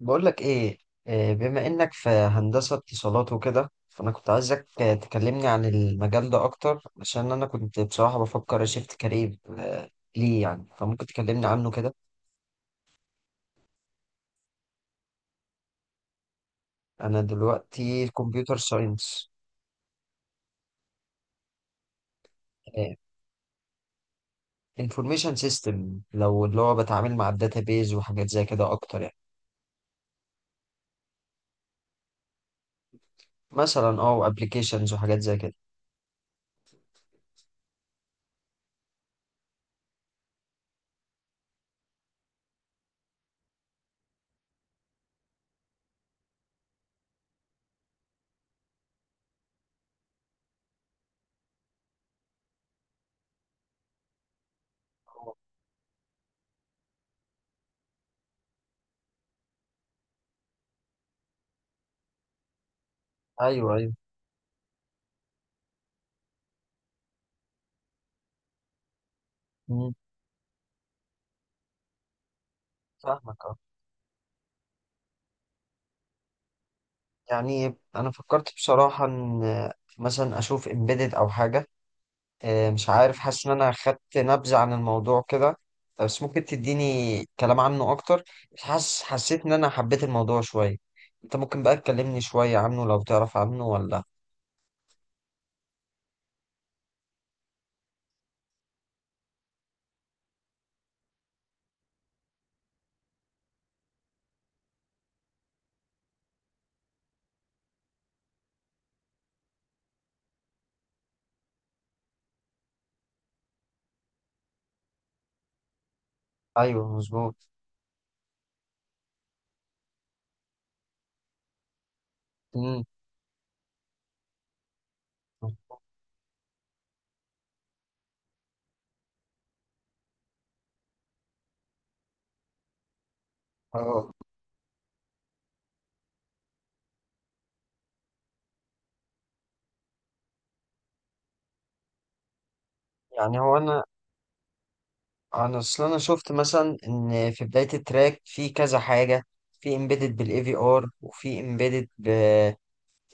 بقول لك ايه. بما انك في هندسة اتصالات وكده، فانا كنت عايزك تكلمني عن المجال ده اكتر، عشان انا كنت بصراحة بفكر اشيفت كارير ليه يعني؟ فممكن تكلمني عنه كده. انا دلوقتي كمبيوتر ساينس انفورميشن سيستم، لو اللي هو بتعامل مع الداتابيز وحاجات زي كده اكتر يعني. مثلا وابلكيشنز وحاجات زي كده. ايوه، ايوه. مم، فاهمك. اه يعني انا فكرت بصراحة ان مثلا اشوف امبيدد او حاجة. مش عارف، حاسس ان انا خدت نبذة عن الموضوع كده، بس ممكن تديني كلام عنه اكتر. مش حاسس حسيت ان انا حبيت الموضوع شوية. انت ممكن بقى تكلمني شوية عنه لو تعرف عنه ولا؟ ايوه، مظبوط. امم اه يعني هو انا اصل انا شفت مثلا ان في بداية التراك في كذا حاجة، في امبيدد بالاي في ار وفي امبيدد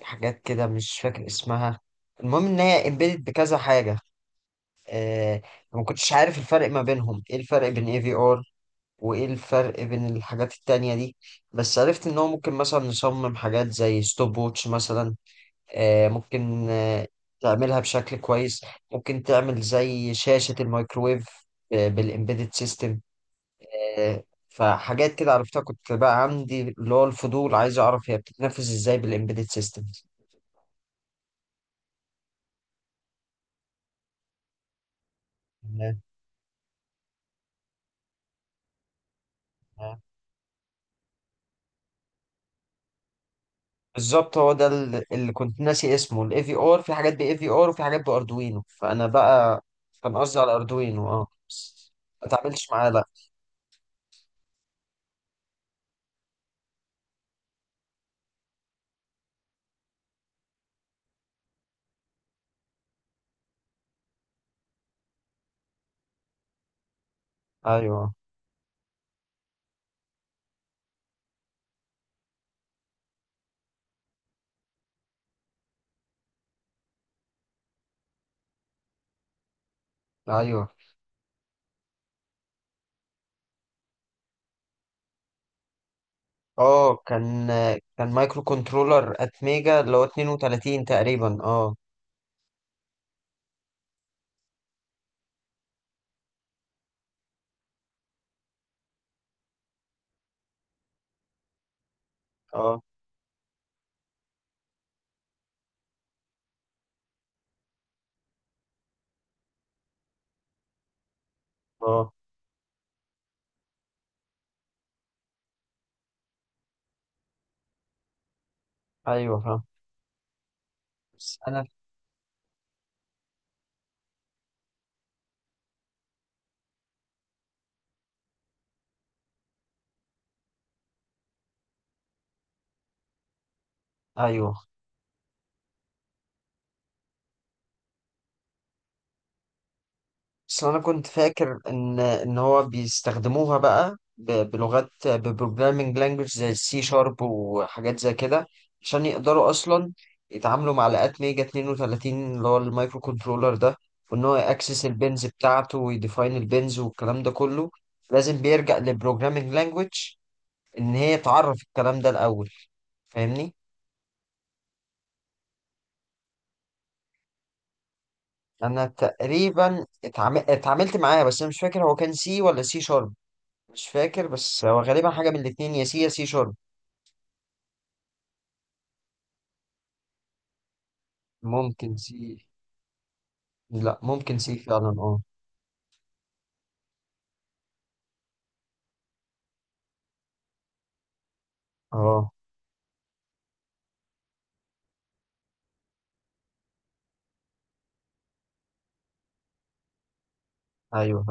بحاجات كده مش فاكر اسمها. المهم ان هي امبيدد بكذا حاجة. آه، ما كنتش عارف الفرق ما بينهم، ايه الفرق بين اي في ار وايه الفرق بين الحاجات التانية دي. بس عرفت ان هو ممكن مثلا نصمم حاجات زي ستوب ووتش مثلا. ممكن تعملها بشكل كويس، ممكن تعمل زي شاشة الميكرويف بالإمبيدد سيستم. فحاجات كده عرفتها، كنت بقى عندي اللي هو الفضول عايز أعرف هي بتتنفذ إزاي بالإمبيدد سيستم. بالظبط، هو ده اللي كنت ناسي اسمه، الاي في ار. في حاجات باي في ار وفي حاجات باردوينو، فانا بقى كان قصدي على اردوينو بس ما اتعاملتش معاه، لا. ايوه، ايوه. اه كان كان مايكرو كنترولر اتميجا اللي هو 32 تقريبا. اه، اه، اه، ايوه، فاهم. بس انا ايوه. بس انا كنت فاكر ان هو بيستخدموها بقى بلغات ببروجرامينج لانجوج زي السي شارب وحاجات زي كده، عشان يقدروا اصلا يتعاملوا مع لقات ميجا 32 اللي هو المايكرو كنترولر ده، وان هو ياكسس البنز بتاعته ويديفاين البنز والكلام ده كله. لازم بيرجع لبروجرامينج لانجوج ان هي تعرف الكلام ده الاول، فاهمني. انا تقريبا اتعاملت معاه، بس انا مش فاكر هو كان سي ولا سي شارب. مش فاكر، بس هو غالبا حاجة من الاتنين، يا سي يا سي شارب. ممكن سي. لا، ممكن سي فعلا، اه. اه، ايوه،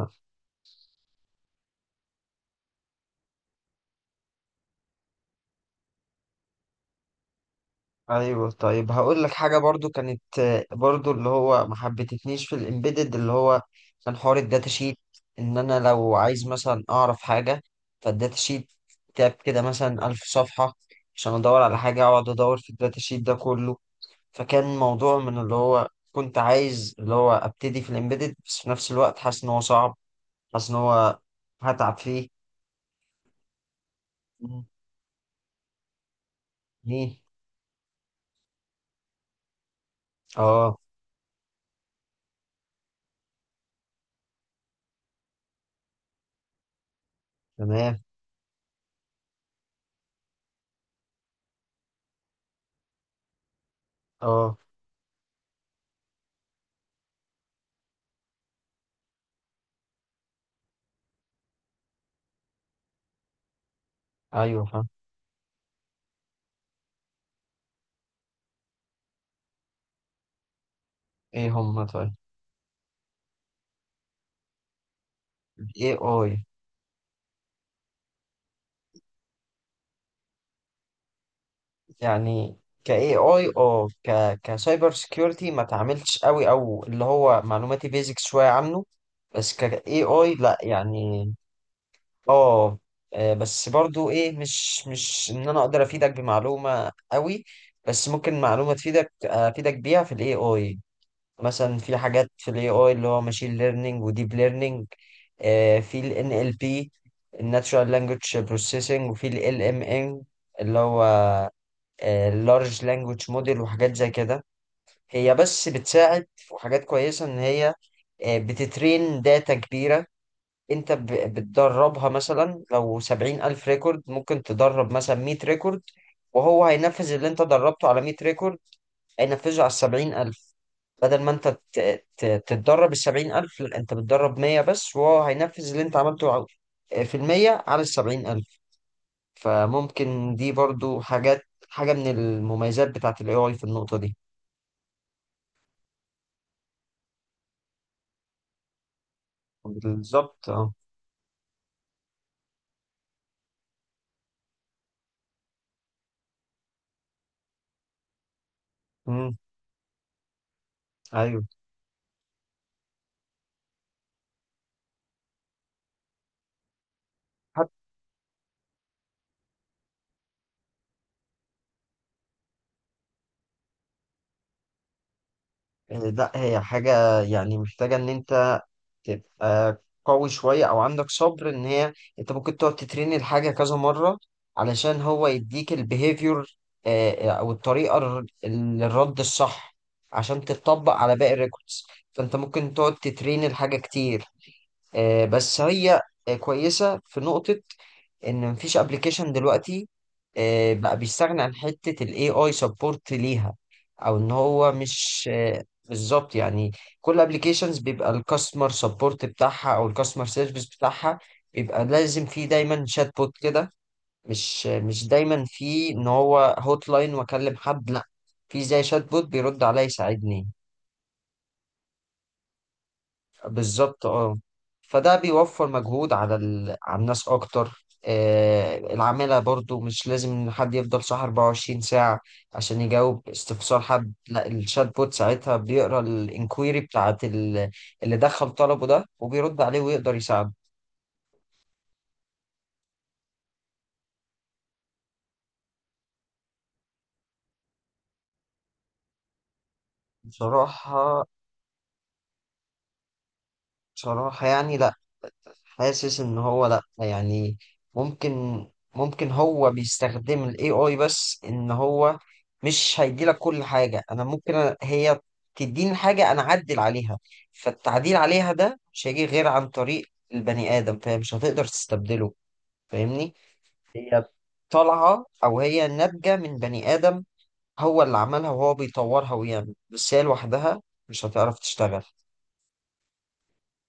ايوه، طيب. هقول لك حاجة برضو كانت برضو اللي هو ما حبتنيش في الامبيدد، اللي هو كان حوار الداتا شيت. ان انا لو عايز مثلا اعرف حاجة، فالداتا شيت كتاب كده مثلا 1000 صفحة. عشان ادور على حاجة، اقعد ادور في الداتا شيت ده كله. فكان موضوع من اللي هو كنت عايز اللي هو ابتدي في الامبيدد، بس في نفس الوقت حاسس ان هو صعب، حاسس ان هو هتعب فيه. مم. ليه؟ اه، تمام، اه، ايوه، فاهم. ايه هم طيب؟ AI. يعني ك AI، اه ك كسايبر سكيورتي ما تعاملتش قوي، او اللي هو معلوماتي بيزك شويه عنه. بس ك AI لا يعني، اه بس برضو ايه، مش ان انا اقدر افيدك بمعلومه قوي، بس ممكن معلومه افيدك بيها في الAI. مثلا في حاجات في الAI اللي هو ماشين ليرنينج وديب ليرنينج، في ال NLP، الناتشورال لانجوج بروسيسنج، وفي ال LMM اللي هو اللارج لانجوج موديل وحاجات زي كده. هي بس بتساعد في حاجات كويسة ان هي بتترين داتا كبيرة. انت بتدربها مثلا لو 70,000 ريكورد، ممكن تدرب مثلا 100 ريكورد، وهو هينفذ اللي انت دربته على 100 ريكورد، هينفذه على 70,000. بدل ما انت تتدرب 70,000، لا، انت بتدرب 100 بس، وهو هينفذ اللي انت عملته في 100 على 70,000. فممكن دي برضو حاجة من المميزات بتاعة ال AI في النقطة دي. بالظبط، اه. مم. ايوه. حت- لا، هي حاجة يعني محتاجة ان انت تبقى قوي شوية، أو عندك صبر إن هي أنت ممكن تقعد تترين الحاجة كذا مرة علشان هو يديك البيهيفير أو الطريقة الرد الصح، عشان تتطبق على باقي الريكوردز. فأنت ممكن تقعد تترين الحاجة كتير. بس هي كويسة في نقطة ان مفيش ابلكيشن دلوقتي بقى بيستغني عن حتة ال AI support ليها، او ان هو مش بالظبط يعني. كل ابلكيشنز بيبقى الكاستمر سبورت بتاعها او الكاستمر سيرفيس بتاعها بيبقى لازم فيه دايما شات بوت كده، مش مش دايما فيه ان هو هوت لاين واكلم حد، لا. في زي شات بوت بيرد عليا يساعدني. بالظبط، اه. فده بيوفر مجهود على على الناس اكتر. العمالة برضو مش لازم إن حد يفضل صح 24 ساعة عشان يجاوب استفسار حد، لا. الشات بوت ساعتها بيقرا الانكويري بتاعت اللي دخل طلبه ده، وبيرد عليه ويقدر يساعده. بصراحة، بصراحة يعني، لا. حاسس ان هو لا يعني، ممكن ممكن هو بيستخدم ال AI بس ان هو مش هيديلك كل حاجة. انا ممكن هي تديني حاجة انا اعدل عليها، فالتعديل عليها ده مش هيجي غير عن طريق البني ادم، فمش هتقدر تستبدله، فاهمني. هي طالعة او هي ناتجة من بني ادم، هو اللي عملها وهو بيطورها ويعمل، بس هي لوحدها مش هتعرف تشتغل.